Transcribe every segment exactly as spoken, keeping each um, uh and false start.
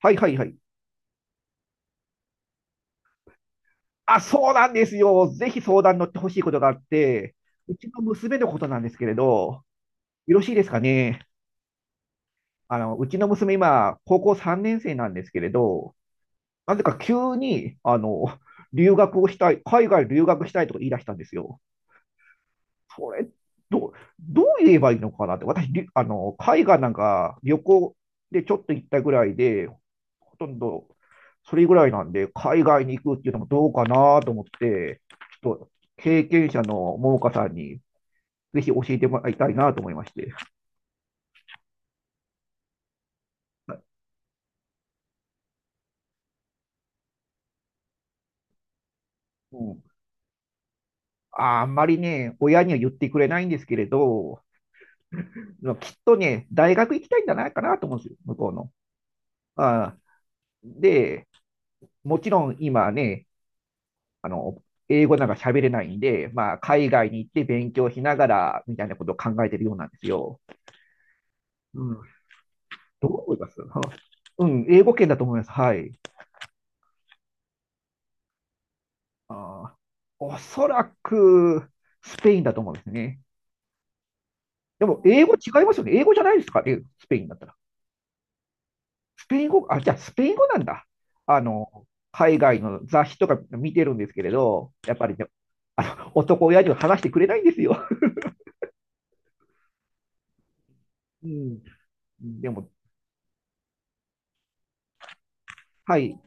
はいはいはい。あ、そうなんですよ。ぜひ相談乗ってほしいことがあって、うちの娘のことなんですけれど、よろしいですかね。あの、うちの娘今、高校さんねん生なんですけれど、なぜか急に、あの、留学をしたい、海外留学したいとか言い出したんですよ。それ、どう、どう言えばいいのかなって。私、りあの、海外なんか旅行でちょっと行ったぐらいで、ほとんどそれぐらいなんで、海外に行くっていうのもどうかなと思って、ちょっと経験者の桃花さんにぜひ教えてもらいたいなと思いまして。うん、ああんまりね、親には言ってくれないんですけれど、きっとね、大学行きたいんじゃないかなと思うんですよ、向こうの。あで、もちろん今ね、あの、英語なんか喋れないんで、まあ、海外に行って勉強しながらみたいなことを考えてるようなんですよ。うん。どう思いますは？うん、英語圏だと思います。はい。あー、おそらく、スペインだと思うんですね。でも、英語違いますよね。英語じゃないですかね、スペインだったら。スペイン語、あ、じゃあ、スペイン語なんだ。あの、海外の雑誌とか見てるんですけれど、やっぱりね、あの、男親父は話してくれないんですよ。うん。でも、はい。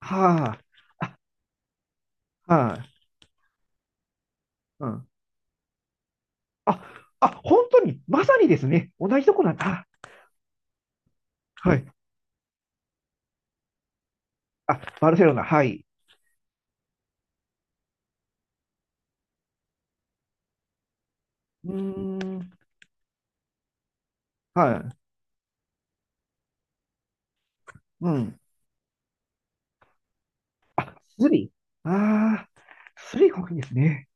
はあ。あ、はい。うん。あ、あ、本当に、まさにですね。同じとこなんだ。はい。あ、バルセロナ、はい。うーん。はい。うん。あ、スリ。ああ、スリが多いんですね。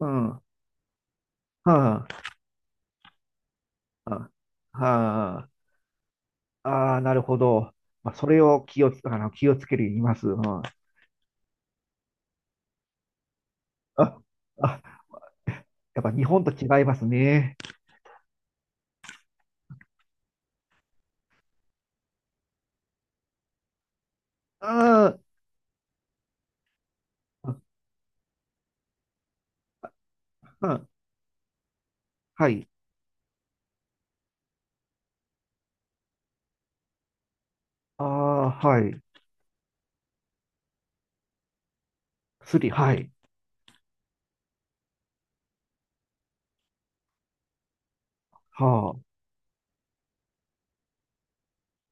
うん。はあ。はあ。はあああ、なるほど。まあ、それを気をつ、あの、気をつけるように言います。うん。あ、あ、やっぱ日本と違いますね。ああ、うん。はい。ああ、はい。スリ、はい。は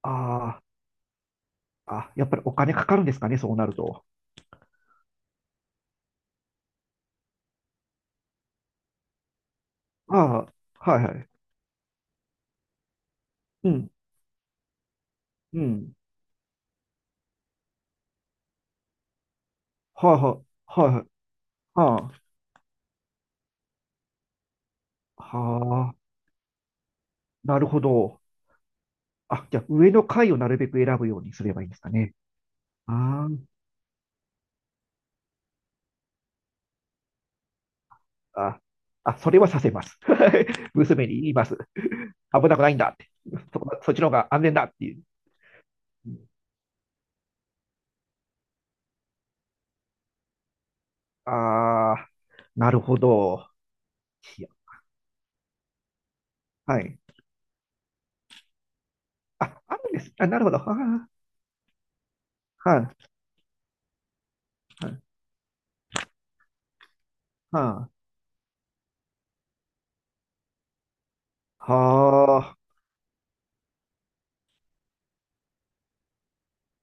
あ。ああ、あ、やっぱりお金かかるんですかね、そうなると。ああ、はいはい。うん、うん。はあ、はあ、はいはい。はあ、はあ、なるほど。あ、じゃあ上の階をなるべく選ぶようにすればいいんですかね。あーあ、あ、それはさせます。娘に言います。危なくないんだって。そ、そっちの方が安全だっていう。ああ、なるほど。いや、はい。あ、あるんです。あ、なるほど。はあ、はあ、はあ、は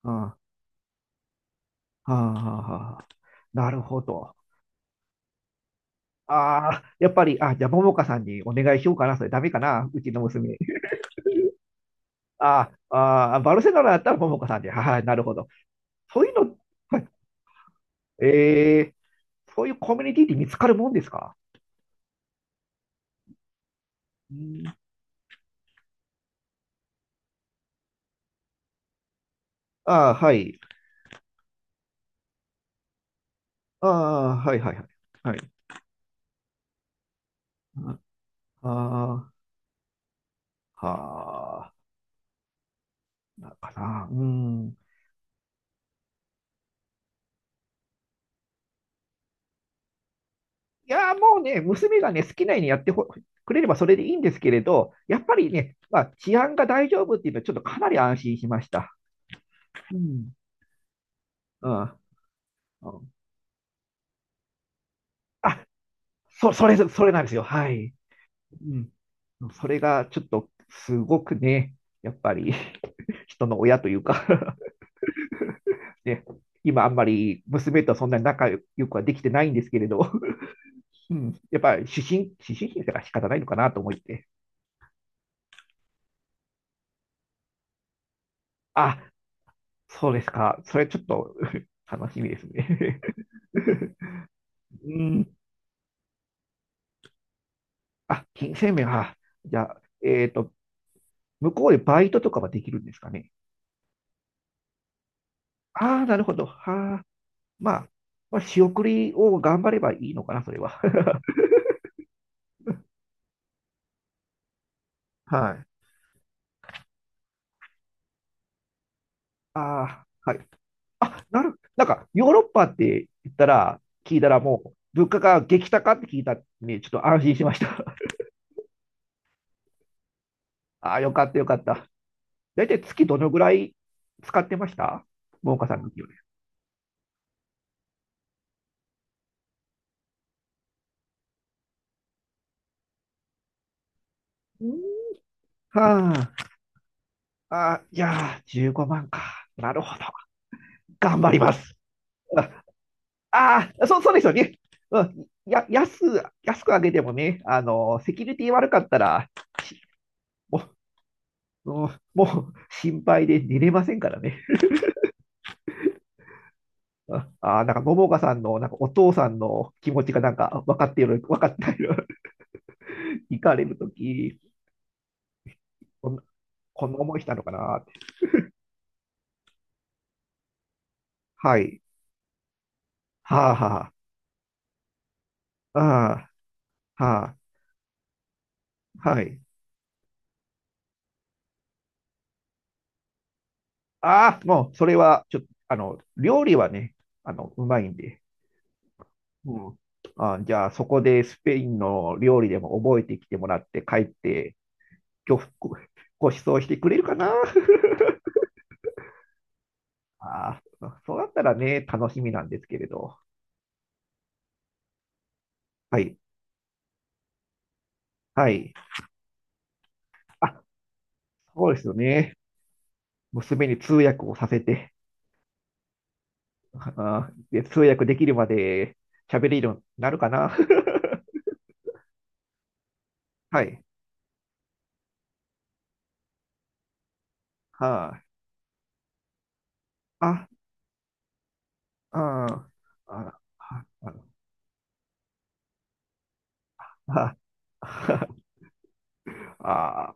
あ、はあ、はあ、はあ、なるほど。ああ、やっぱり、あ、じゃあ、ももかさんにお願いしようかな。それダメかな。うちの娘。ああ、ああ、バルセロナだったらももかさんで。はい、なるほど。そういうの、はい、えー、そういうコミュニティって見つかるもんですか？うん、ああ、はい。ああ、はいはいはい。はい。あああ、はあ、かな。うん。いやー、もうね、娘がね、好きなようにやってほくれればそれでいいんですけれど、やっぱりね、まあ、治安が大丈夫っていうのは、ちょっとかなり安心しました。うん。うん。うん、あ、そ、それ、それなんですよ。はい。うん。それがちょっとすごくね、やっぱり 人の親というか ね、今あんまり娘とそんなに仲良くはできてないんですけれど、うん、やっぱり思春、思春期だから仕方ないのかなと思って、あ、そうですか、それちょっと 楽しみですね。 うん。あ、金銭面は、じゃあ、えっと、向こうでバイトとかはできるんですかね。ああ、なるほど。はあ、まあ、まあ、仕送りを頑張ればいいのかな、それは。はい。ああ、はい。あ、なる、なんか、ヨーロッパって言ったら、聞いたらもう、物価が激高って聞いたんで、ちょっと安心しました。ああ、よかったよかった。大体月どのぐらい使ってました？桃花さんの時はね。はあ、あー、いやー、じゅうごまんか。なるほど。頑張ります。ああー、そう、そうですよね。うん、や、安、安く上げてもね、あの、セキュリティ悪かったら、しもう、うん、もう心配で寝れませんからね。ああー、なんか、桃花さんの、なんか、お父さんの気持ちが、なんか、分かっている、分かっている。行かれるとき、こんな、こんな思いしたのかなって。はい。はあ、はあ、ああ、はあ、はい。ああ、もう、それは、ちょっと、あの、料理はね、あの、うまいんで。うん。あ、じゃあ、そこでスペインの料理でも覚えてきてもらって、帰って、ご、ごご馳走してくれるかな？ ああ、そうだったらね、楽しみなんですけれど。はい。はい。あ、そうですよね。娘に通訳をさせて、あーで通訳できるまで喋れるようになるかな。はい。はい。あ、あ、あ、あ、あ、あ、あ、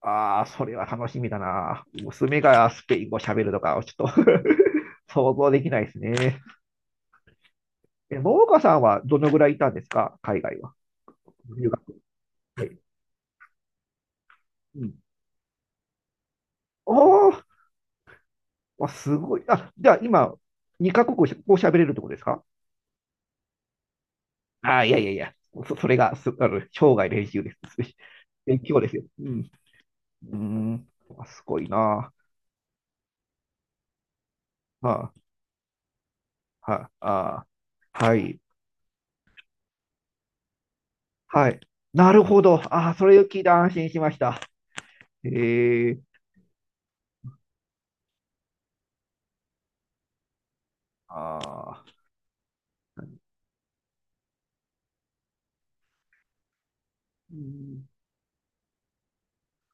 あ、あ、それは楽しみだな。娘がスペイン語喋るとか、ちょっと 想像できないですね。え、桃花さんはどのぐらいいたんですか？海外は。留学で。うん。おー、わ、すごい。あ、じゃあ今、にカ国語喋れるってことですか？ああ、いやいやいや、そ、それがす、あの、生涯練習です。勉強ですよ。うん。うーん。あ、すごいな。ああ、はあ、ああ、はい、はい。なるほど。ああ、それを聞いて安心しました。へえ、ああ、うん、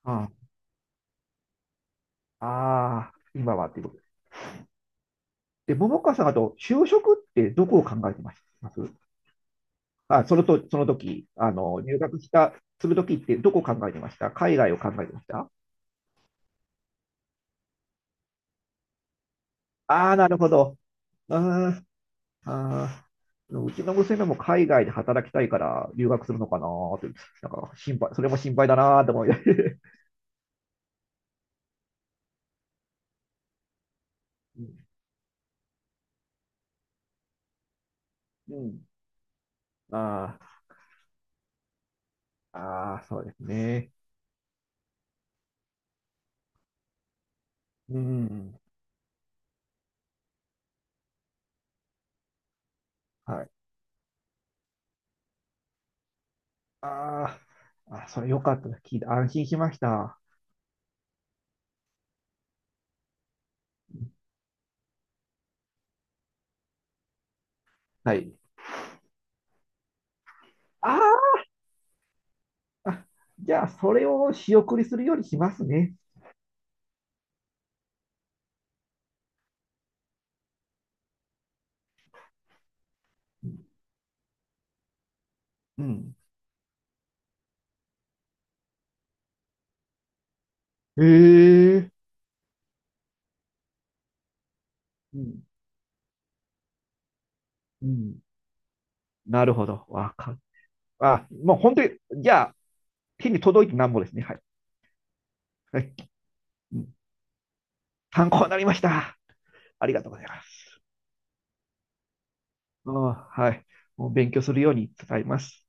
ああ、ああ、今はっていうことです。で、桃川さん、あと、就職ってどこを考えてましたます？あ、そのと、その時、あの、入学した、する時ってどこを考えてました？海外を考えてました？ああー、なるほど。うーん、あーうちの娘も海外で働きたいから留学するのかなーって、なんか心配、それも心配だなーって思いながら うん。うん。ああ、ああ、そうですね。うん。はい。ああ、あ、それよかったです、聞いて安心しました。はい。あーあ、じゃあ、それを仕送りするようにしますね。うん。うん、へえ。うん。うん。なるほど。わかっあ、もう本当に、じゃあ、手に届いてなんぼですね。はい。はい。うん、参考になりました。ありがとうございます。はい。もう勉強するように伝えます。